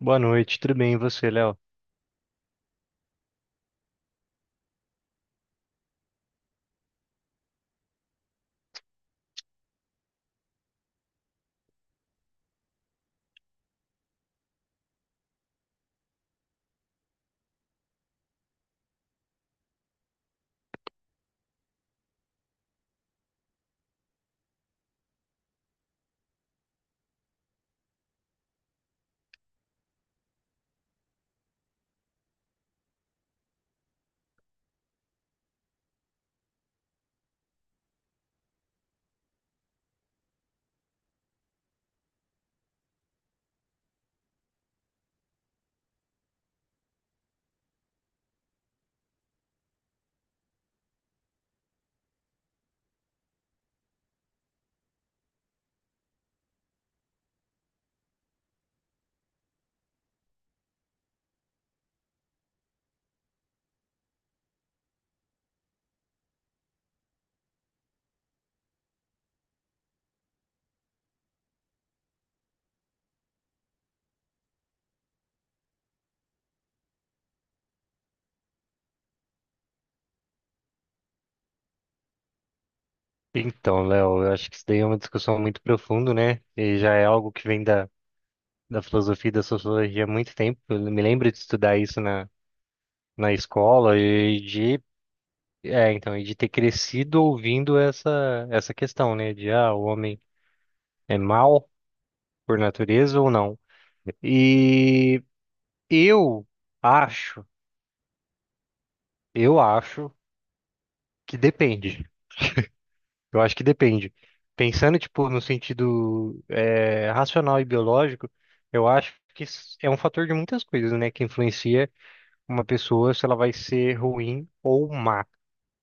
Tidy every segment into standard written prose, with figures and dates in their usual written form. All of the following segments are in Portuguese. Boa noite, tudo bem e você, Léo? Então, Léo, eu acho que isso daí é uma discussão muito profunda, né? E já é algo que vem da filosofia e da sociologia há muito tempo. Eu me lembro de estudar isso na escola e de, e de ter crescido ouvindo essa questão, né? De, ah, o homem é mau por natureza ou não? E eu acho, eu acho que depende. Eu acho que depende. Pensando, tipo, no sentido racional e biológico, eu acho que s- é um fator de muitas coisas, né, que influencia uma pessoa se ela vai ser ruim ou má.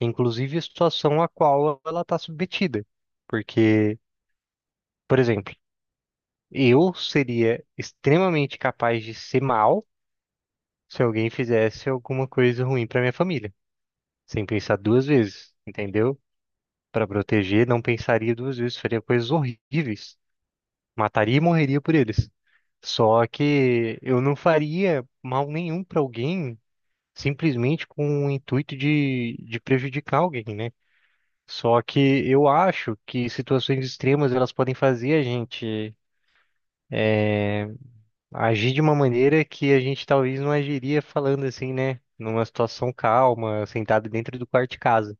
Inclusive a situação a qual ela está submetida. Porque, por exemplo, eu seria extremamente capaz de ser mal se alguém fizesse alguma coisa ruim para minha família, sem pensar duas vezes, entendeu? Para proteger, não pensaria duas vezes, faria coisas horríveis. Mataria e morreria por eles. Só que eu não faria mal nenhum para alguém simplesmente com o intuito de prejudicar alguém, né? Só que eu acho que situações extremas elas podem fazer a gente agir de uma maneira que a gente talvez não agiria falando assim, né? Numa situação calma, sentado dentro do quarto de casa.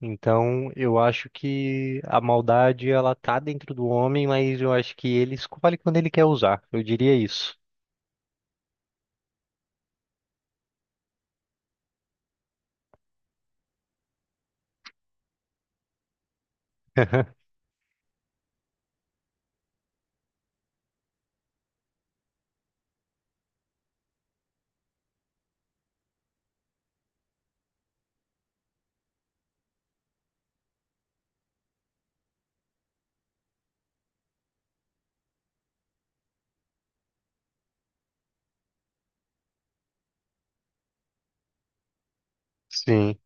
Então, eu acho que a maldade ela tá dentro do homem, mas eu acho que ele escolhe quando ele quer usar. Eu diria isso. Sim.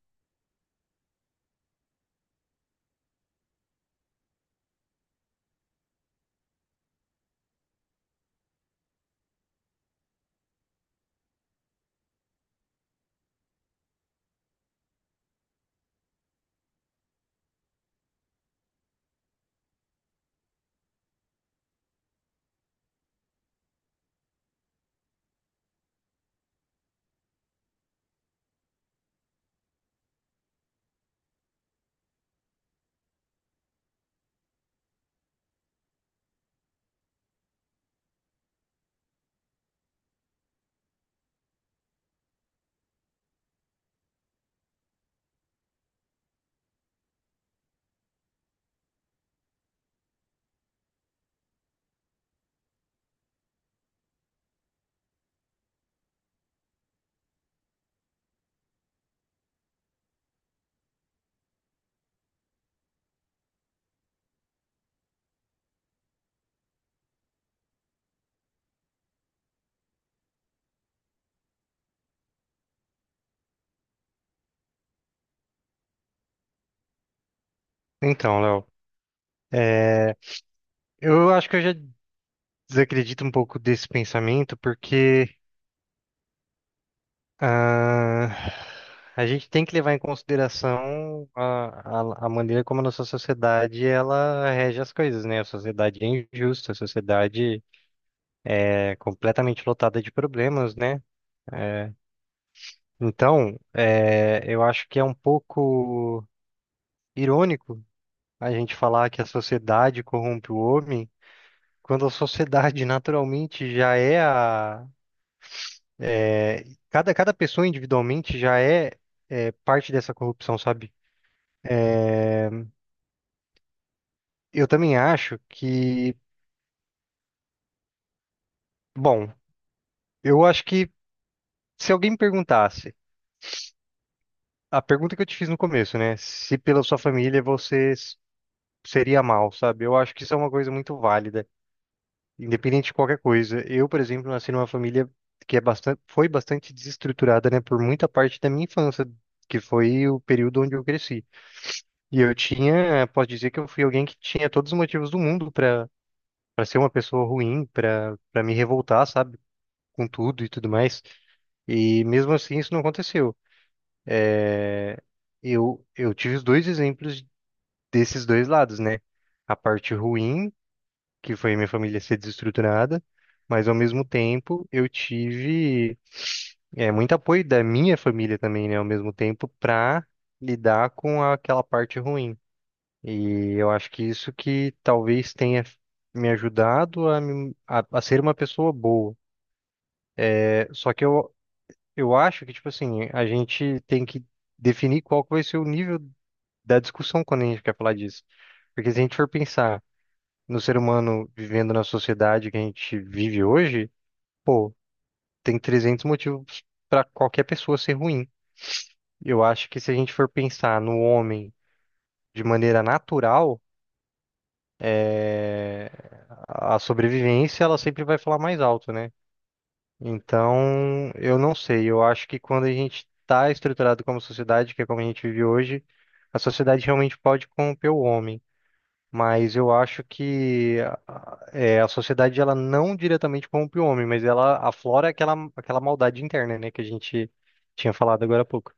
Então, Léo, é, eu acho que eu já desacredito um pouco desse pensamento, porque ah, a gente tem que levar em consideração a maneira como a nossa sociedade ela rege as coisas, né? A sociedade é injusta, a sociedade é completamente lotada de problemas, né? Eh, Então, eu acho que é um pouco irônico a gente falar que a sociedade corrompe o homem. Quando a sociedade naturalmente já é a. Cada pessoa individualmente já é, é parte dessa corrupção, sabe? Eu também acho que. Bom, eu acho que se alguém me perguntasse, a pergunta que eu te fiz no começo, né? Se pela sua família você s- seria mal, sabe? Eu acho que isso é uma coisa muito válida, independente de qualquer coisa. Eu, por exemplo, nasci numa família que é bastante, foi bastante desestruturada, né, por muita parte da minha infância, que foi o período onde eu cresci. E eu tinha, posso dizer que eu fui alguém que tinha todos os motivos do mundo para ser uma pessoa ruim, para me revoltar, sabe, com tudo e tudo mais. E mesmo assim isso não aconteceu. Eu tive os dois exemplos desses dois lados, né? A parte ruim que foi minha família ser desestruturada, mas ao mesmo tempo eu tive muito apoio da minha família também, né? Ao mesmo tempo para lidar com aquela parte ruim. E eu acho que isso que talvez tenha me ajudado a, me- a ser uma pessoa boa. Só que eu acho que, tipo assim, a gente tem que definir qual que vai ser o nível da discussão quando a gente quer falar disso. Porque se a gente for pensar no ser humano vivendo na sociedade que a gente vive hoje, pô, tem 300 motivos para qualquer pessoa ser ruim. Eu acho que se a gente for pensar no homem de maneira natural, é, a sobrevivência ela sempre vai falar mais alto, né? Então, eu não sei. Eu acho que quando a gente está estruturado como sociedade, que é como a gente vive hoje, a sociedade realmente pode corromper o homem. Mas eu acho que a sociedade ela não diretamente corrompe o homem, mas ela aflora aquela maldade interna, né, que a gente tinha falado agora há pouco.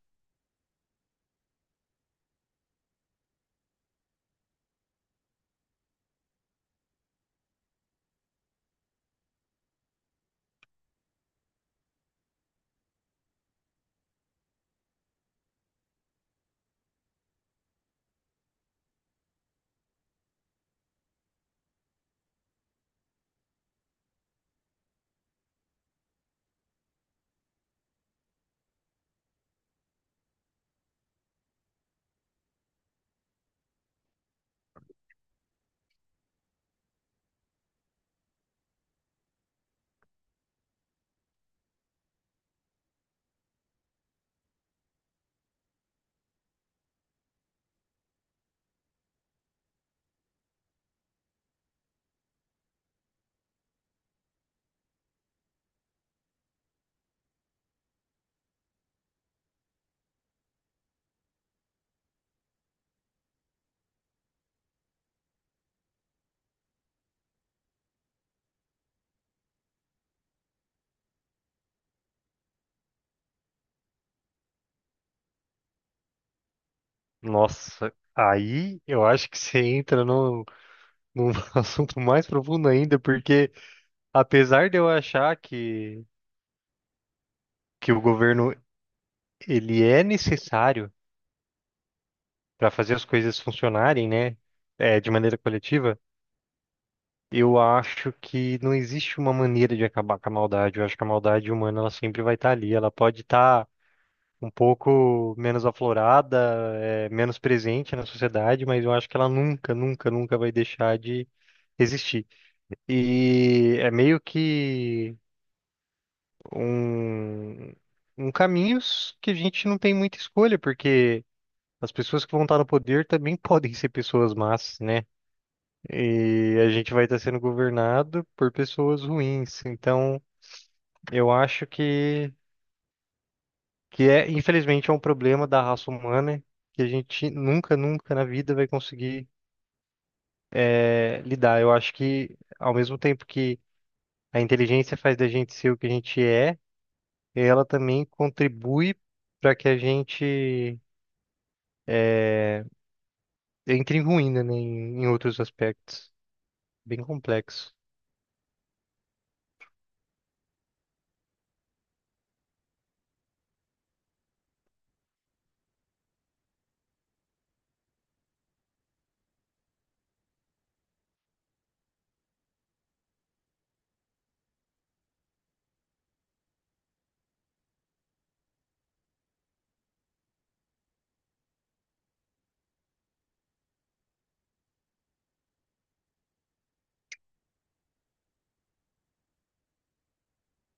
Nossa, aí eu acho que você entra num assunto mais profundo ainda, porque apesar de eu achar que o governo ele é necessário para fazer as coisas funcionarem, né, de maneira coletiva, eu acho que não existe uma maneira de acabar com a maldade. Eu acho que a maldade humana ela sempre vai estar ali. Ela pode estar um pouco menos aflorada, menos presente na sociedade, mas eu acho que ela nunca, nunca, nunca vai deixar de existir. E é meio que um, um caminho s- que a gente não tem muita escolha, porque as pessoas que vão estar no poder também podem ser pessoas más, né? E a gente vai estar sendo governado por pessoas ruins. Então, eu acho que é, infelizmente, é um problema da raça humana que a gente nunca, nunca na vida vai conseguir lidar. Eu acho que, ao mesmo tempo que a inteligência faz da gente ser o que a gente é, ela também contribui para que a gente entre em ruína, né, em outros aspectos. Bem complexo.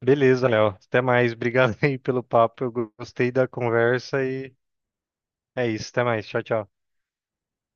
Beleza, Léo. Até mais. Obrigado aí pelo papo. Eu gostei da conversa e é isso. Até mais. Tchau, tchau.